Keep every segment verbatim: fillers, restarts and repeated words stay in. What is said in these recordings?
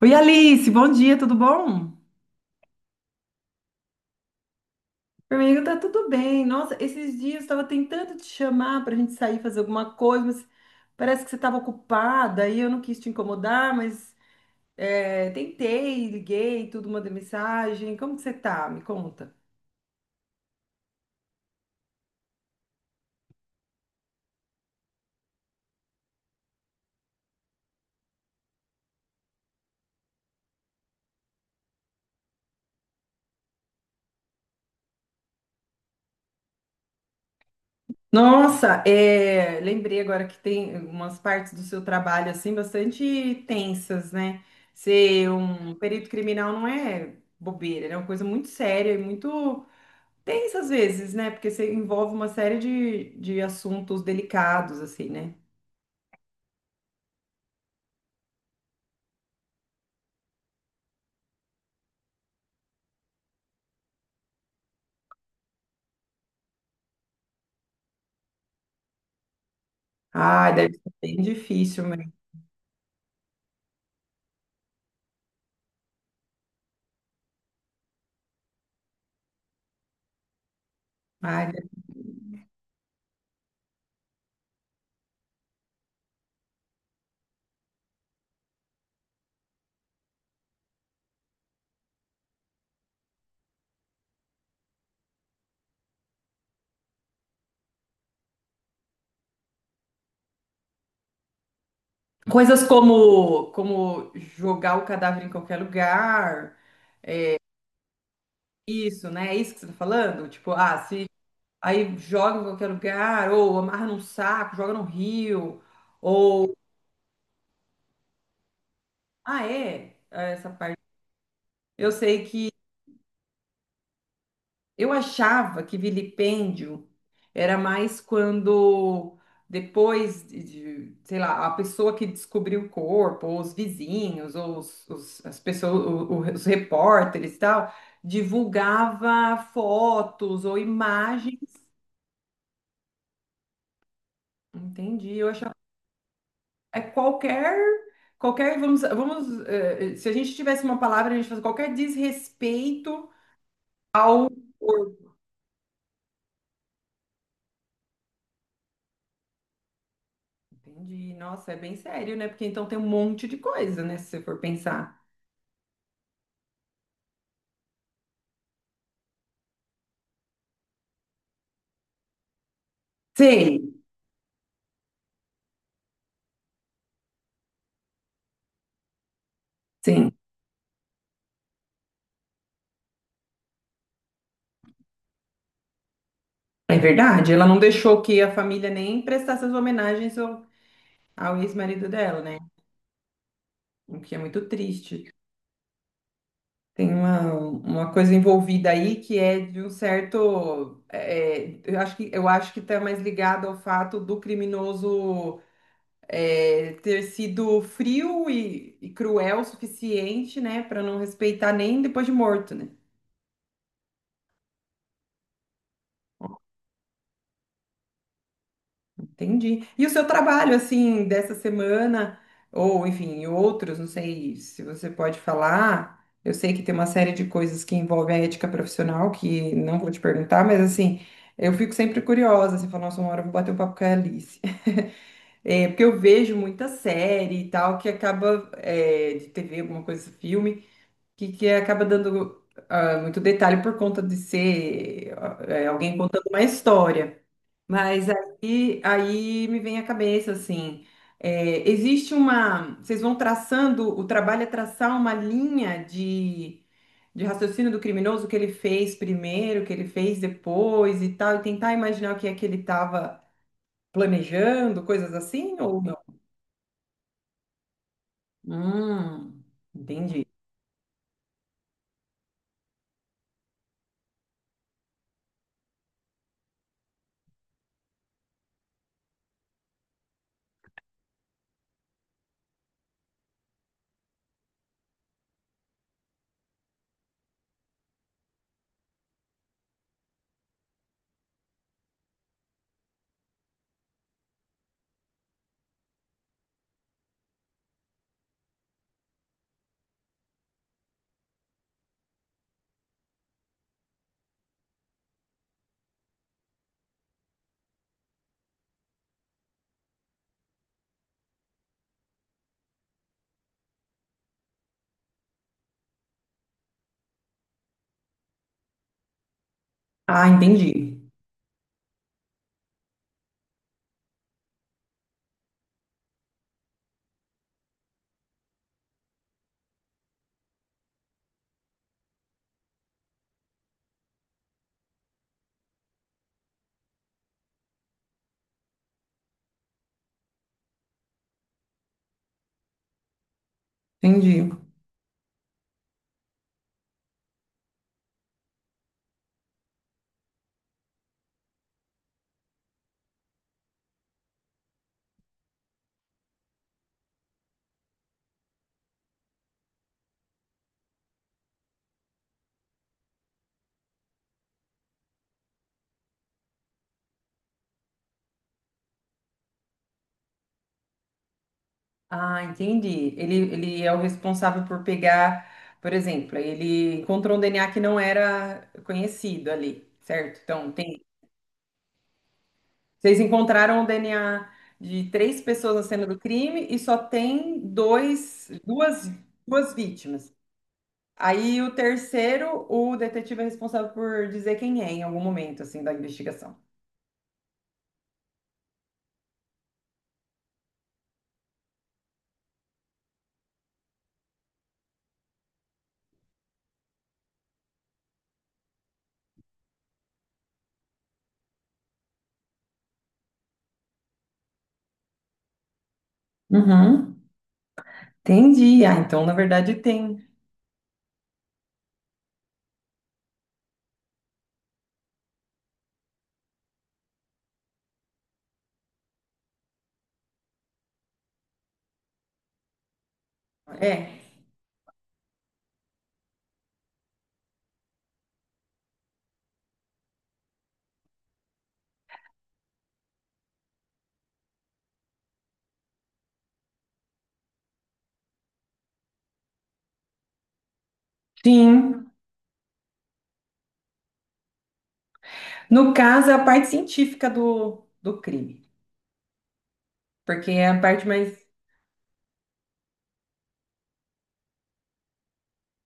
Oi, Alice, bom dia, tudo bom? Amigo, tá tudo bem. Nossa, esses dias eu estava tentando te chamar para a gente sair fazer alguma coisa, mas parece que você estava ocupada e eu não quis te incomodar, mas é, tentei, liguei, tudo, mandei mensagem. Como que você tá? Me conta. Nossa, é, lembrei agora que tem umas partes do seu trabalho assim bastante tensas, né? Ser um perito criminal não é bobeira, né? É uma coisa muito séria e muito. Tem às vezes, né? Porque você envolve uma série de, de assuntos delicados, assim, né? Ah, deve ser bem difícil mesmo. Ai, deve-. Coisas como, como jogar o cadáver em qualquer lugar, isso, né? É isso que você tá falando? Tipo, ah, se aí joga em qualquer lugar, ou amarra num saco, joga no rio, ou. Ah, é? É essa parte. Eu sei que. Eu achava que vilipêndio era mais quando depois de, de, sei lá, a pessoa que descobriu o corpo, ou os vizinhos, ou os, os- as pessoas, o- o- os repórteres e tal, divulgava fotos ou imagens. Entendi. Eu achava é qualquer qualquer vamos vamos eh, se a gente tivesse uma palavra a gente faz qualquer desrespeito ao. Entendi. Nossa, é bem sério, né? Porque então tem um monte de coisa, né? Se você for pensar. Sim, sim. É verdade. Ela não deixou que a família nem prestasse as homenagens ao, ao ex-marido dela, né? O que é muito triste. Tem uma, uma coisa envolvida aí que é de um certo. é, é, eu acho que, eu acho que está mais ligado ao fato do criminoso é, ter sido frio e, e cruel o suficiente, né? Para não respeitar nem depois de morto, né? Entendi. E o seu trabalho, assim, dessa semana, ou enfim, outros, não sei se você pode falar. Eu sei que tem uma série de coisas que envolvem a ética profissional, que não vou te perguntar, mas assim, eu fico sempre curiosa, assim, falando, nossa, uma hora eu vou bater um papo com a Alice. É, porque eu vejo muita série e tal, que acaba, é, de T V, alguma coisa, filme, que, que acaba dando, ah, muito detalhe por conta de ser, ah, é, alguém contando uma história. Mas aí, aí me vem à cabeça, assim, é, existe uma. Vocês vão traçando, o trabalho é traçar uma linha de, de raciocínio do criminoso, o que ele fez primeiro, o que ele fez depois e tal, e tentar imaginar o que é que ele estava planejando, coisas assim, ou não? Hum, entendi. Ah, entendi. Entendi. Ah, entendi. Ele, ele é o responsável por pegar, por exemplo, ele encontrou um D N A que não era conhecido ali, certo? Então, tem, vocês encontraram o D N A de três pessoas na cena do crime e só tem dois, duas, duas vítimas. Aí o terceiro, o detetive é responsável por dizer quem é em algum momento, assim, da investigação. Uhum. Entendi. Ah, então, na verdade, tem. É. Sim. No caso, é a parte científica do, do crime. Porque é a parte mais.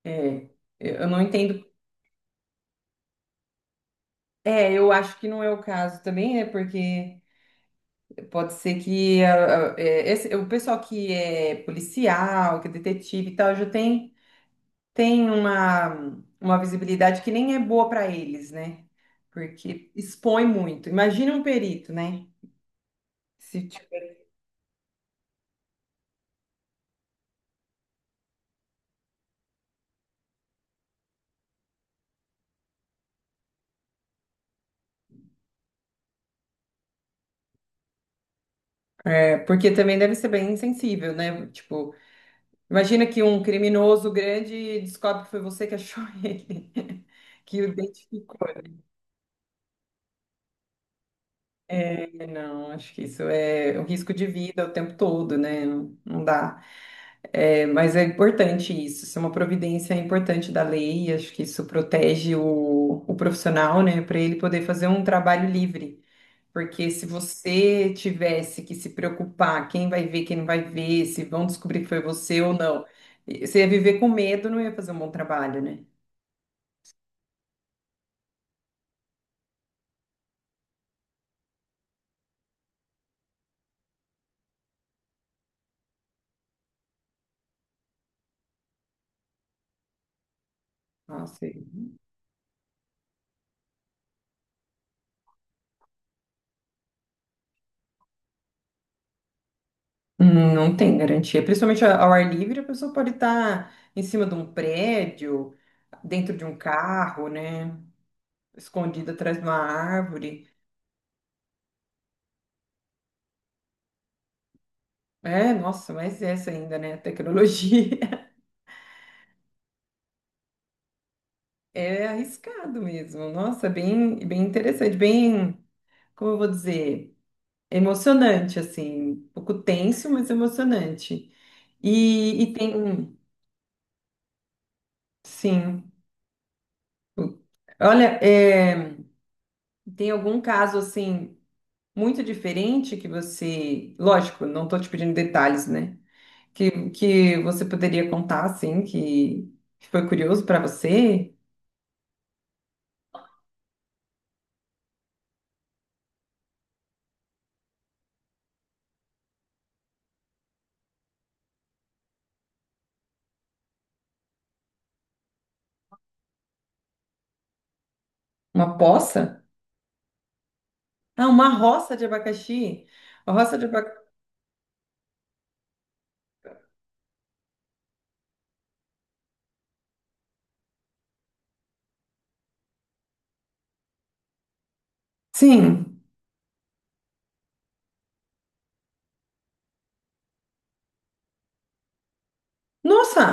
é, eu não entendo. É, eu acho que não é o caso também, né? Porque pode ser que a- a- é, esse- o pessoal que é policial, que é detetive e tal, já tem, tem uma, uma visibilidade que nem é boa para eles, né? Porque expõe muito. Imagina um perito, né? Se tiver-. é, porque também deve ser bem insensível, né? Tipo, imagina que um criminoso grande descobre que foi você que achou ele, que o identificou. É, não, acho que isso é um risco de vida o tempo todo, né? Não, não dá. É, mas é importante isso, isso é uma providência importante da lei, acho que isso protege o, o profissional, né, para ele poder fazer um trabalho livre. Porque se você tivesse que se preocupar, quem vai ver, quem não vai ver, se vão descobrir que foi você ou não, você ia viver com medo, não ia fazer um bom trabalho, né? Nossa, hum, não tem garantia. Principalmente a- ao ar livre, a pessoa pode estar em cima de um prédio, dentro de um carro, né? Escondida atrás de uma árvore. É, nossa, mas essa ainda, né? A tecnologia. É arriscado mesmo. Nossa, bem, bem interessante, bem, como eu vou dizer, emocionante, assim. Um pouco tenso, mas emocionante. E, e tem, um, sim. Olha, é, tem algum caso assim, muito diferente que você, lógico, não tô te pedindo detalhes, né? Que, que você poderia contar assim que que foi curioso para você? Uma poça? Ah, uma roça de abacaxi. A roça de abacaxi. Sim. Nossa.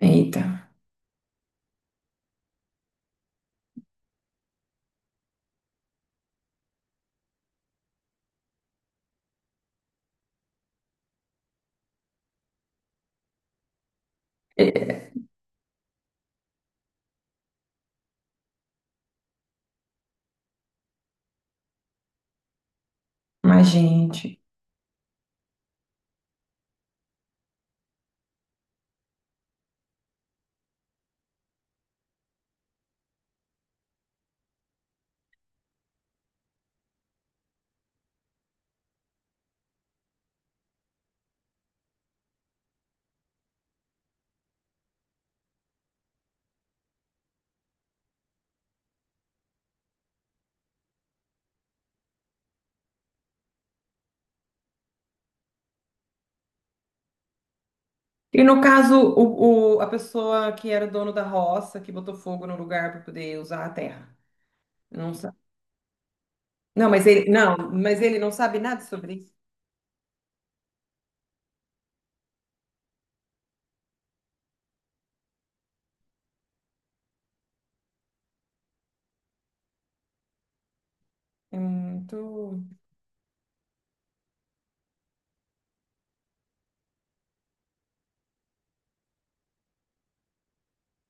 Eita. É. Mas gente. E no caso, o, o- a pessoa que era dono da roça, que botou fogo no lugar para poder usar a terra. Não sabe. Não, mas ele não, mas ele não sabe nada sobre isso. É muito.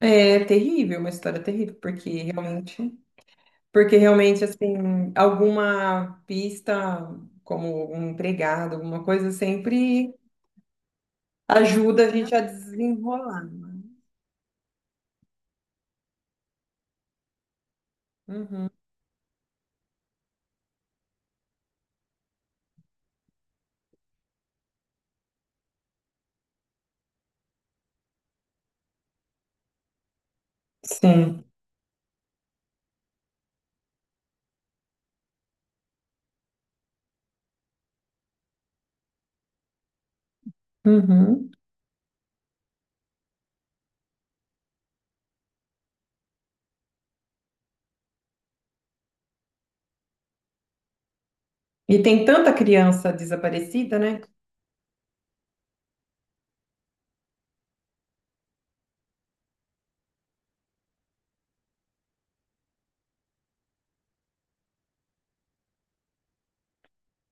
É terrível, uma história terrível, porque realmente, porque realmente assim, alguma pista, como um empregado, alguma coisa, sempre ajuda a gente a desenrolar, né? Uhum. Sim. Uhum. E tem tanta criança desaparecida, né?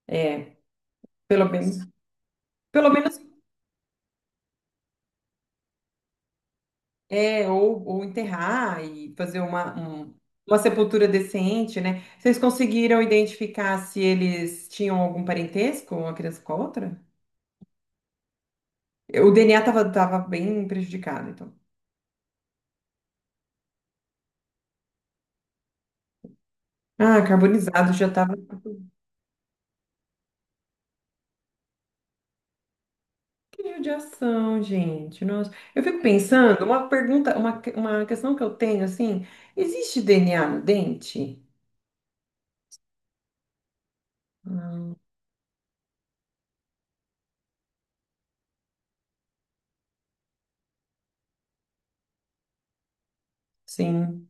É, pelo menos, pelo menos, é, ou, ou enterrar e fazer uma, um- uma sepultura decente, né? Vocês conseguiram identificar se eles tinham algum parentesco, uma criança com a outra? O D N A tava, tava bem prejudicado, então. Ah, carbonizado já tava. Que judiação, gente. Nossa. Eu fico pensando, uma pergunta, uma, que- uma questão que eu tenho, assim, existe D N A no dente? Não. Sim.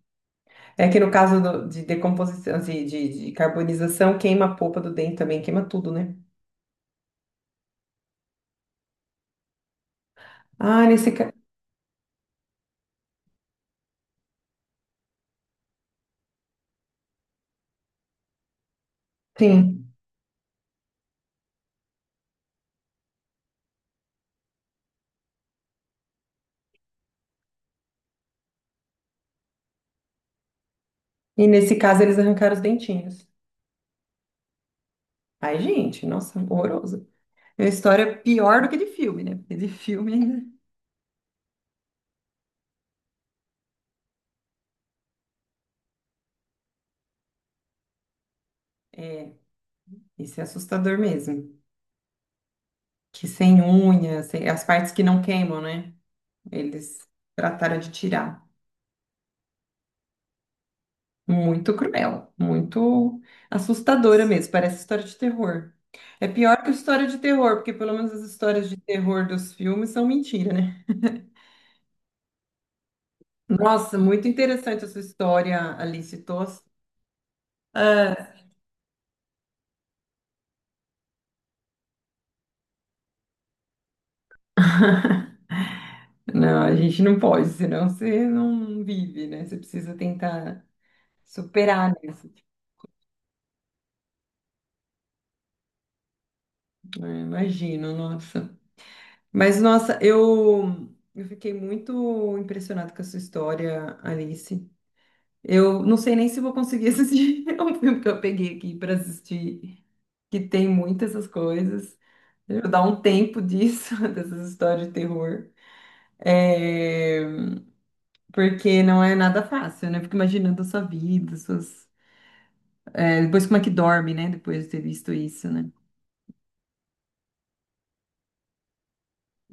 É que no caso do- de decomposição, de, de, de carbonização, queima a polpa do dente também, queima tudo, né? Ah, nesse caso. Sim. E nesse caso eles arrancaram os dentinhos. Ai, gente, nossa, horroroso. É uma história pior do que de filme, né? Porque de filme ainda. É, isso é assustador mesmo. Que sem unhas, sem- as partes que não queimam, né? Eles trataram de tirar. Muito cruel, muito assustadora mesmo, parece história de terror. É pior que história de terror, porque pelo menos as histórias de terror dos filmes são mentira, né? Nossa, muito interessante a sua história, Alice. Tô... Ah, não, a gente não pode, senão você não vive, né? Você precisa tentar superar isso. Imagino, nossa. Mas, nossa, eu, eu fiquei muito impressionada com a sua história, Alice. Eu não sei nem se vou conseguir assistir. É um filme que eu peguei aqui para assistir, que tem muitas essas coisas. Eu vou dar um tempo disso, dessas histórias de terror. É, porque não é nada fácil, né? Eu fico imaginando a sua vida, suas... é, depois como é que dorme, né? Depois de ter visto isso, né?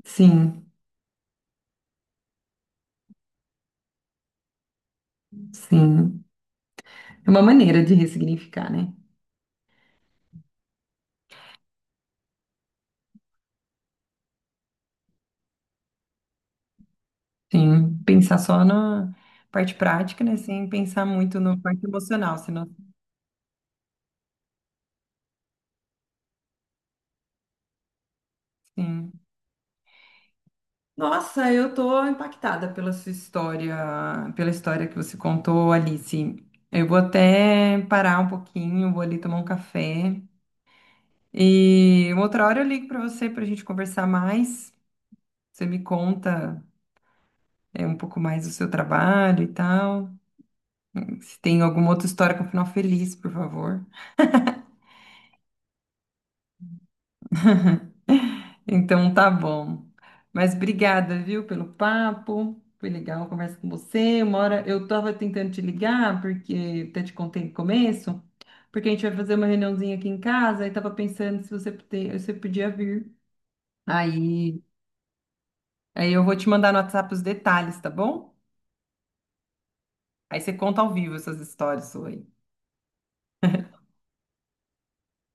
Sim, sim. É uma maneira de ressignificar, né? Sim, pensar só na parte prática, né? Sem pensar muito na parte emocional, senão, sim. Nossa, eu tô impactada pela sua história, pela história que você contou, Alice. Eu vou até parar um pouquinho, vou ali tomar um café e uma outra hora eu ligo para você para a gente conversar mais. Você me conta é, um pouco mais do seu trabalho e tal. Se tem alguma outra história com final feliz, por favor. Então tá bom. Mas obrigada, viu, pelo papo. Foi legal conversar com você. Uma hora eu tava tentando te ligar, porque até te contei no começo, porque a gente vai fazer uma reuniãozinha aqui em casa e tava pensando se você, pote- você podia vir. Aí, aí eu vou te mandar no WhatsApp os detalhes, tá bom? Aí você conta ao vivo essas histórias sua aí.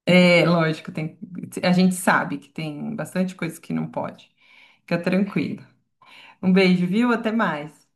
É, lógico, tem, a gente sabe que tem bastante coisa que não pode. Fica tranquilo. Um beijo, viu? Até mais.